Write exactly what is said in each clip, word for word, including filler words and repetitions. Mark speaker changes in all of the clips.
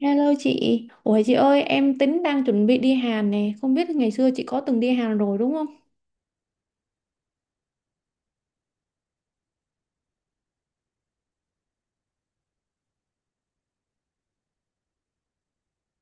Speaker 1: Hello chị, ủa chị ơi em tính đang chuẩn bị đi Hàn nè, không biết ngày xưa chị có từng đi Hàn rồi đúng không?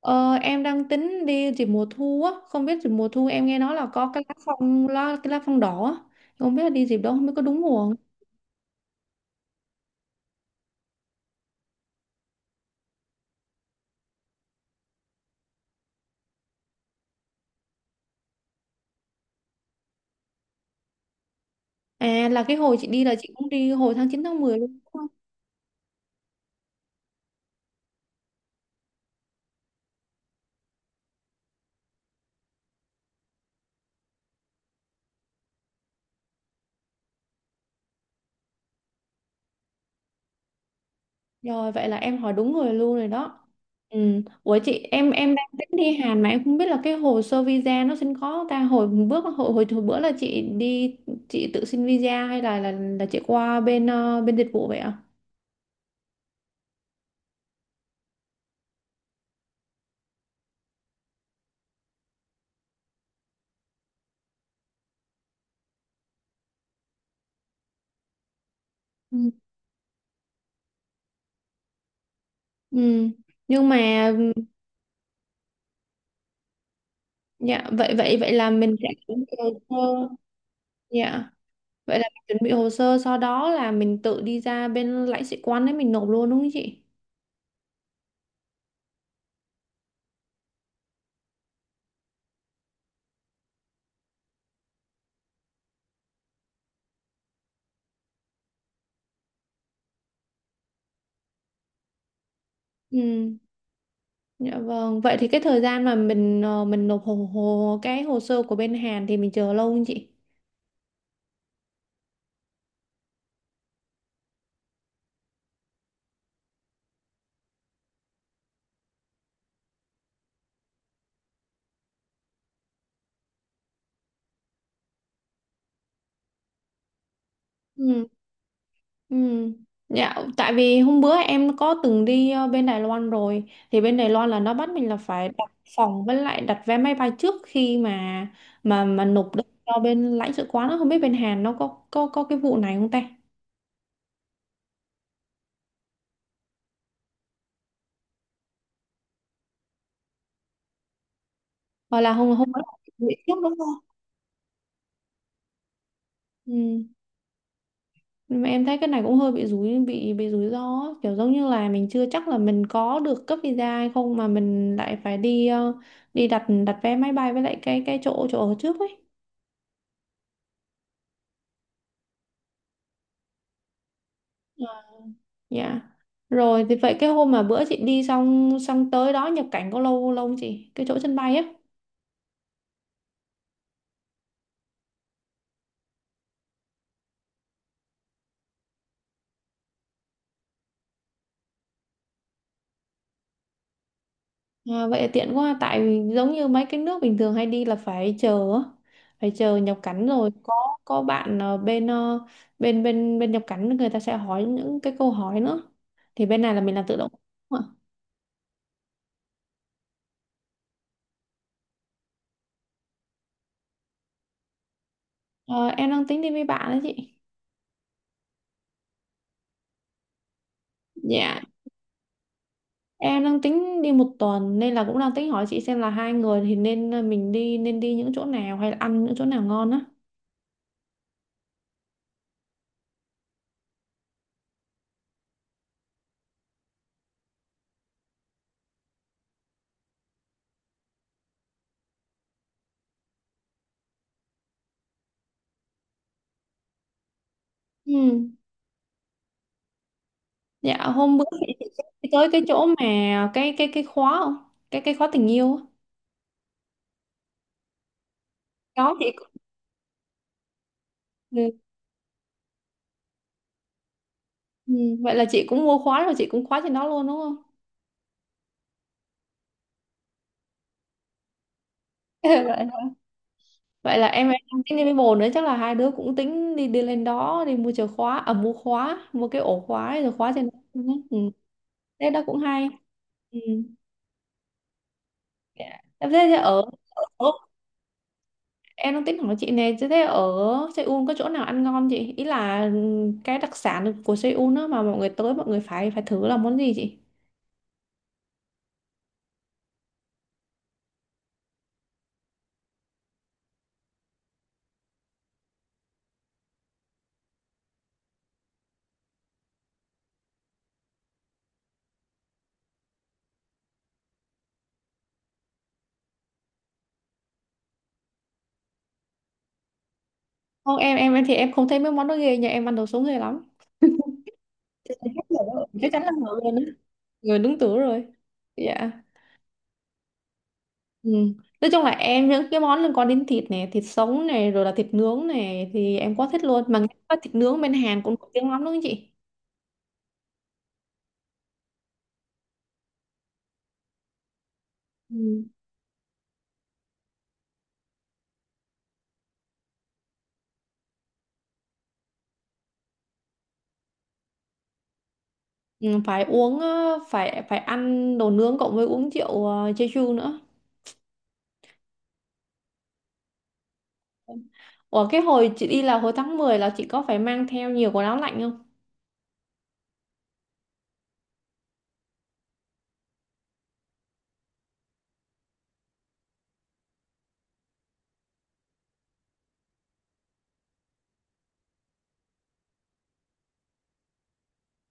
Speaker 1: Ờ, em đang tính đi dịp mùa thu á, không biết dịp mùa thu em nghe nói là có cái lá phong lá, cái lá phong đỏ á, không biết là đi dịp đó không biết có đúng mùa không? À là cái hồi chị đi là chị cũng đi hồi tháng chín tháng mười luôn. Rồi vậy là em hỏi đúng người luôn rồi đó. Ừ. Ủa chị em em đang tính đi Hàn mà em không biết là cái hồ sơ visa nó xin khó không ta, hồi bước hồi, hồi hồi bữa là chị đi chị tự xin visa hay là là là chị qua bên ờ, bên dịch vụ vậy ạ? Ừ. Ừ. Nhưng mà dạ vậy vậy vậy là mình sẽ chuẩn bị hồ sơ. Dạ. Vậy là mình chuẩn bị hồ sơ sau đó là mình tự đi ra bên lãnh sự quán đấy mình nộp luôn đúng không chị? Ừ. Dạ vâng, vậy thì cái thời gian mà mình ờ, mình nộp hồ, hồ cái hồ sơ của bên Hàn thì mình chờ lâu không chị? Ừ. Ừ. Dạ, tại vì hôm bữa em có từng đi ờ, bên Đài Loan rồi thì bên Đài Loan là nó bắt mình là phải đặt phòng với lại đặt vé máy bay trước khi mà mà mà nộp đơn cho bên lãnh sự quán, nó không biết bên Hàn nó có có có cái vụ này không ta? Hoặc là hôm hôm bữa là chuẩn bị trước đúng không? Ừ. Nhưng mà em thấy cái này cũng hơi bị rủi bị bị rủi ro á, kiểu giống như là mình chưa chắc là mình có được cấp visa hay không mà mình lại phải đi ờ, đi đặt đặt vé máy bay với lại cái cái chỗ chỗ ở trước ấy. Dạ. Rồi thì vậy cái hôm mà bữa chị đi xong xong tới đó nhập cảnh có lâu lâu không chị, cái chỗ sân bay á? À, vậy là tiện quá tại vì giống như mấy cái nước bình thường hay đi là phải chờ á, phải chờ nhập cảnh rồi có có bạn ờ, bên ờ, bên bên bên nhập cảnh người ta sẽ hỏi những cái câu hỏi nữa, thì bên này là mình làm tự động. Đúng ạ. Ờ, em đang tính đi với bạn đấy chị. Dạ em đang tính đi một tuần nên là cũng đang tính hỏi chị xem là hai người thì nên ờ, mình đi nên đi những chỗ nào hay là ăn những chỗ nào ngon á. Ừ. Dạ hôm bữa chị chị sẽ đi tới cái chỗ mà cái cái cái khóa không, cái cái khóa tình yêu á, đó chị. Ừ, vậy là chị cũng mua khóa rồi chị cũng khóa trên đó luôn đúng không? Vậy, vậy là em em đang tính đi với bồ nữa chắc là hai đứa cũng tính đi đi lên đó đi mua chìa khóa, à, mua khóa, mua cái ổ khóa ấy, rồi khóa trên đó luôn á. Ừ. Thế đó cũng hay. Ừ. Dạ. Thế thế ở, ở em đang tính hỏi chị nè, thế thế ở Seoul có chỗ nào ăn ngon chị? Ý là ừ, cái đặc sản của Seoul đó mà mọi người tới mọi người phải phải thử là món gì chị? Không, em em em thì em không thấy mấy món đó ghê nha, em ăn đồ sống ghê lắm. Thì hết rồi đó, chắc chắn là hợp người đúng tuổi rồi. Dạ. Ừ. Nói chung là em những cái món liên quan đến thịt này, thịt sống này, rồi là thịt nướng này thì em quá thích luôn, mà nghe nói thịt nướng bên Hàn cũng nổi tiếng lắm đúng không chị? Ừ. Ừ, phải uống ờ, phải phải ăn đồ nướng cộng với uống rượu ờ, Jeju nữa. Ủa cái hồi chị đi là hồi tháng mười là chị có phải mang theo nhiều quần áo lạnh không?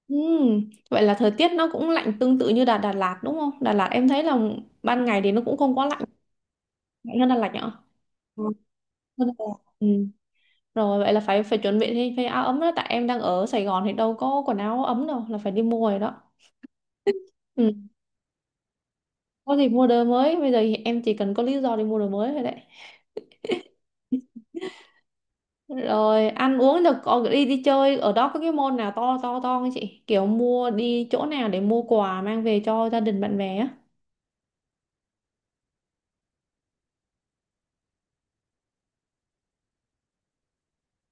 Speaker 1: Ừ. Vậy là thời tiết nó cũng lạnh tương tự như Đà Đà Lạt đúng không, Đà Lạt em thấy là ban ngày thì nó cũng không quá lạnh, lạnh hơn Đà Lạt nhở? Ừ, hơn Đà Lạt. Ừ. Rồi vậy là phải phải chuẩn bị thêm thay áo ấm đó, tại em đang ở Sài Gòn thì đâu có quần áo ấm đâu, là phải đi mua rồi đó. Ừ. Có gì mua đồ mới, bây giờ thì em chỉ cần có lý do để mua đồ mới thôi đấy. Rồi ăn uống được, còn đi đi chơi ở đó có cái mall nào to to to không chị? Kiểu mua, đi chỗ nào để mua quà mang về cho gia đình bạn bè á?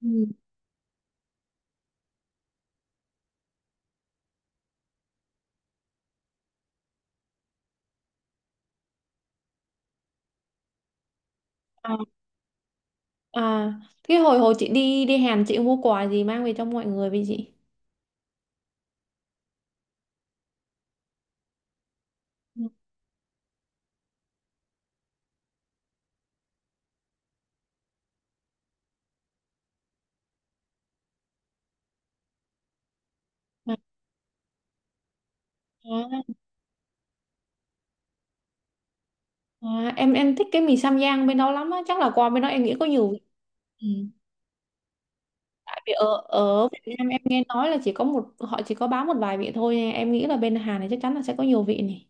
Speaker 1: Ừ. À, à cái hồi hồi chị đi đi Hàn chị mua quà gì mang về cho mọi người vậy chị? Ừ. À, à, à, em em thích cái mì Sam Giang bên đó lắm á, chắc là quà bên đó em nghĩ có nhiều vị. Ừ. Vì ở ở Việt Nam em nghe nói là chỉ có một họ chỉ có bán một vài vị thôi nên em nghĩ là bên Hàn này chắc chắn là sẽ có nhiều vị này.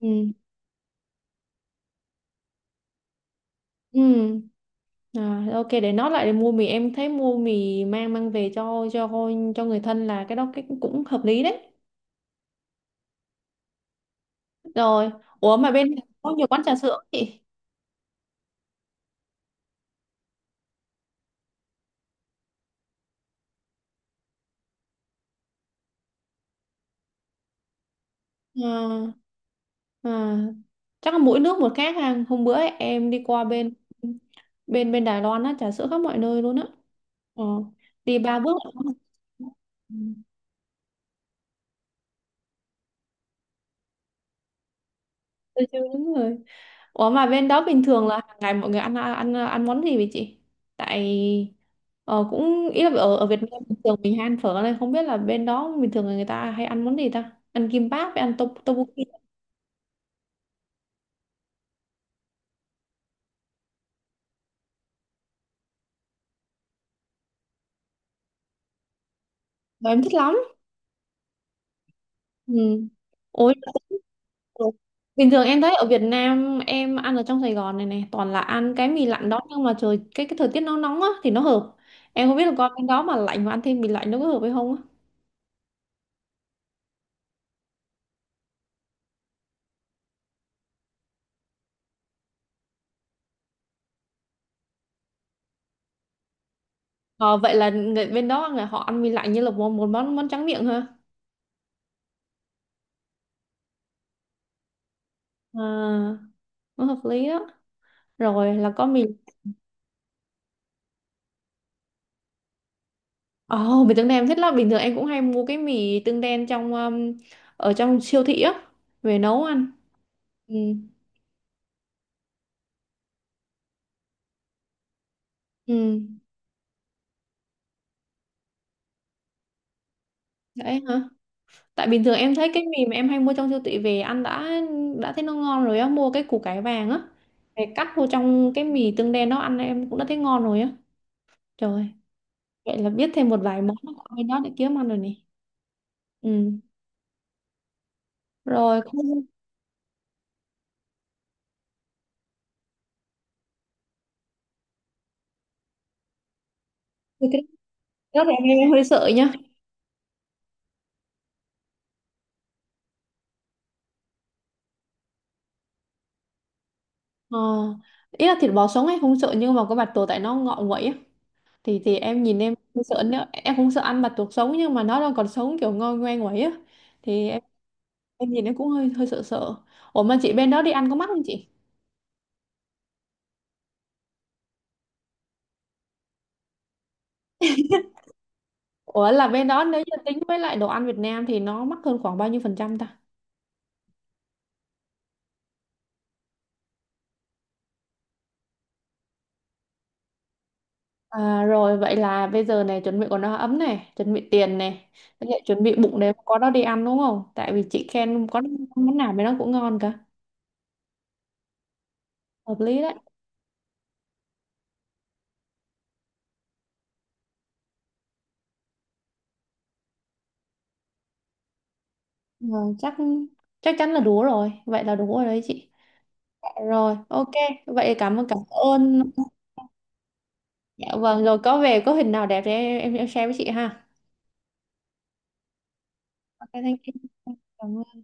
Speaker 1: Ừ. Ừ. À, ok để nói lại, để mua mì, em thấy mua mì mang mang về cho cho cho người thân là cái đó, cái cũng hợp lý đấy. Rồi ủa mà bên Hàn có nhiều quán trà sữa không chị? à, à, chắc là mỗi nước một khác ha, hôm bữa em đi qua bên bên bên Đài Loan á, trà sữa khắp mọi nơi luôn á, ờ, đi ba bước là có một. Tôi chưa đúng rồi. Ủa mà bên đó bình thường là hàng ngày mọi người ăn ăn ăn món gì vậy chị? Tại ờ, cũng ý là ở ở Việt Nam bình thường mình hay ăn phở này, không biết là bên đó bình thường là người ta hay ăn món gì ta? Ăn kim báp với ăn tô- tteokbokki. Và em thích lắm. Ừ. Ôi. Ừ. Bình thường em thấy ở Việt Nam em ăn ở trong Sài Gòn này này toàn là ăn cái mì lạnh đó, nhưng mà trời, cái cái thời tiết nó nóng á thì nó hợp. Em không biết là con bên đó mà lạnh mà ăn thêm mì lạnh nó có hợp hay không. Ờ, vậy là người bên đó người họ ăn mì lạnh như là một, một món món tráng miệng ha. À, nó hợp lý đó. Rồi là có mì. Ồ, mì tương đen em thích lắm. Bình thường em cũng hay mua cái mì tương đen trong um, ở trong siêu thị á về nấu ăn. Ừ. Ừ. Đấy hả? Tại bình thường em thấy cái mì mà em hay mua trong siêu thị về ăn đã đã thấy nó ngon rồi á, mua cái củ cải vàng á. Để cắt vô trong cái mì tương đen đó ăn em cũng đã thấy ngon rồi á. Trời, vậy là biết thêm một vài món ở bên đó để kiếm ăn rồi nè. Ừ. Rồi không, thì cái đó thì em em em hơi sợ nhá. Ờ. Ý là thịt bò sống em không sợ, nhưng mà cái bạch tuộc, tại nó ngọ nguậy á, thì thì em nhìn em không sợ nữa, em không sợ ăn bạch tuộc sống nhưng mà nó đang còn sống kiểu ngoi ngoe nguậy á, thì em em nhìn em cũng hơi hơi sợ sợ. Ủa mà chị bên đó đi ăn có mắc không chị? Ủa là bên đó nếu như tính với lại đồ ăn Việt Nam thì nó mắc hơn khoảng bao nhiêu phần trăm ta? À, rồi vậy là bây giờ này chuẩn bị quần áo ấm này, chuẩn bị tiền này, với lại chuẩn bị bụng để có đó đi ăn đúng không, tại vì chị khen có món nào mà nó cũng ngon cả. Hợp lý đấy. Ờ, chắc chắc chắn là đủ rồi, vậy là đủ rồi đấy chị. Dạ, rồi ok, vậy cảm ơn cảm ơn. Dạ vâng, rồi có về có hình nào đẹp thì em em em share với chị ha. Ok, thank you. Cảm ơn.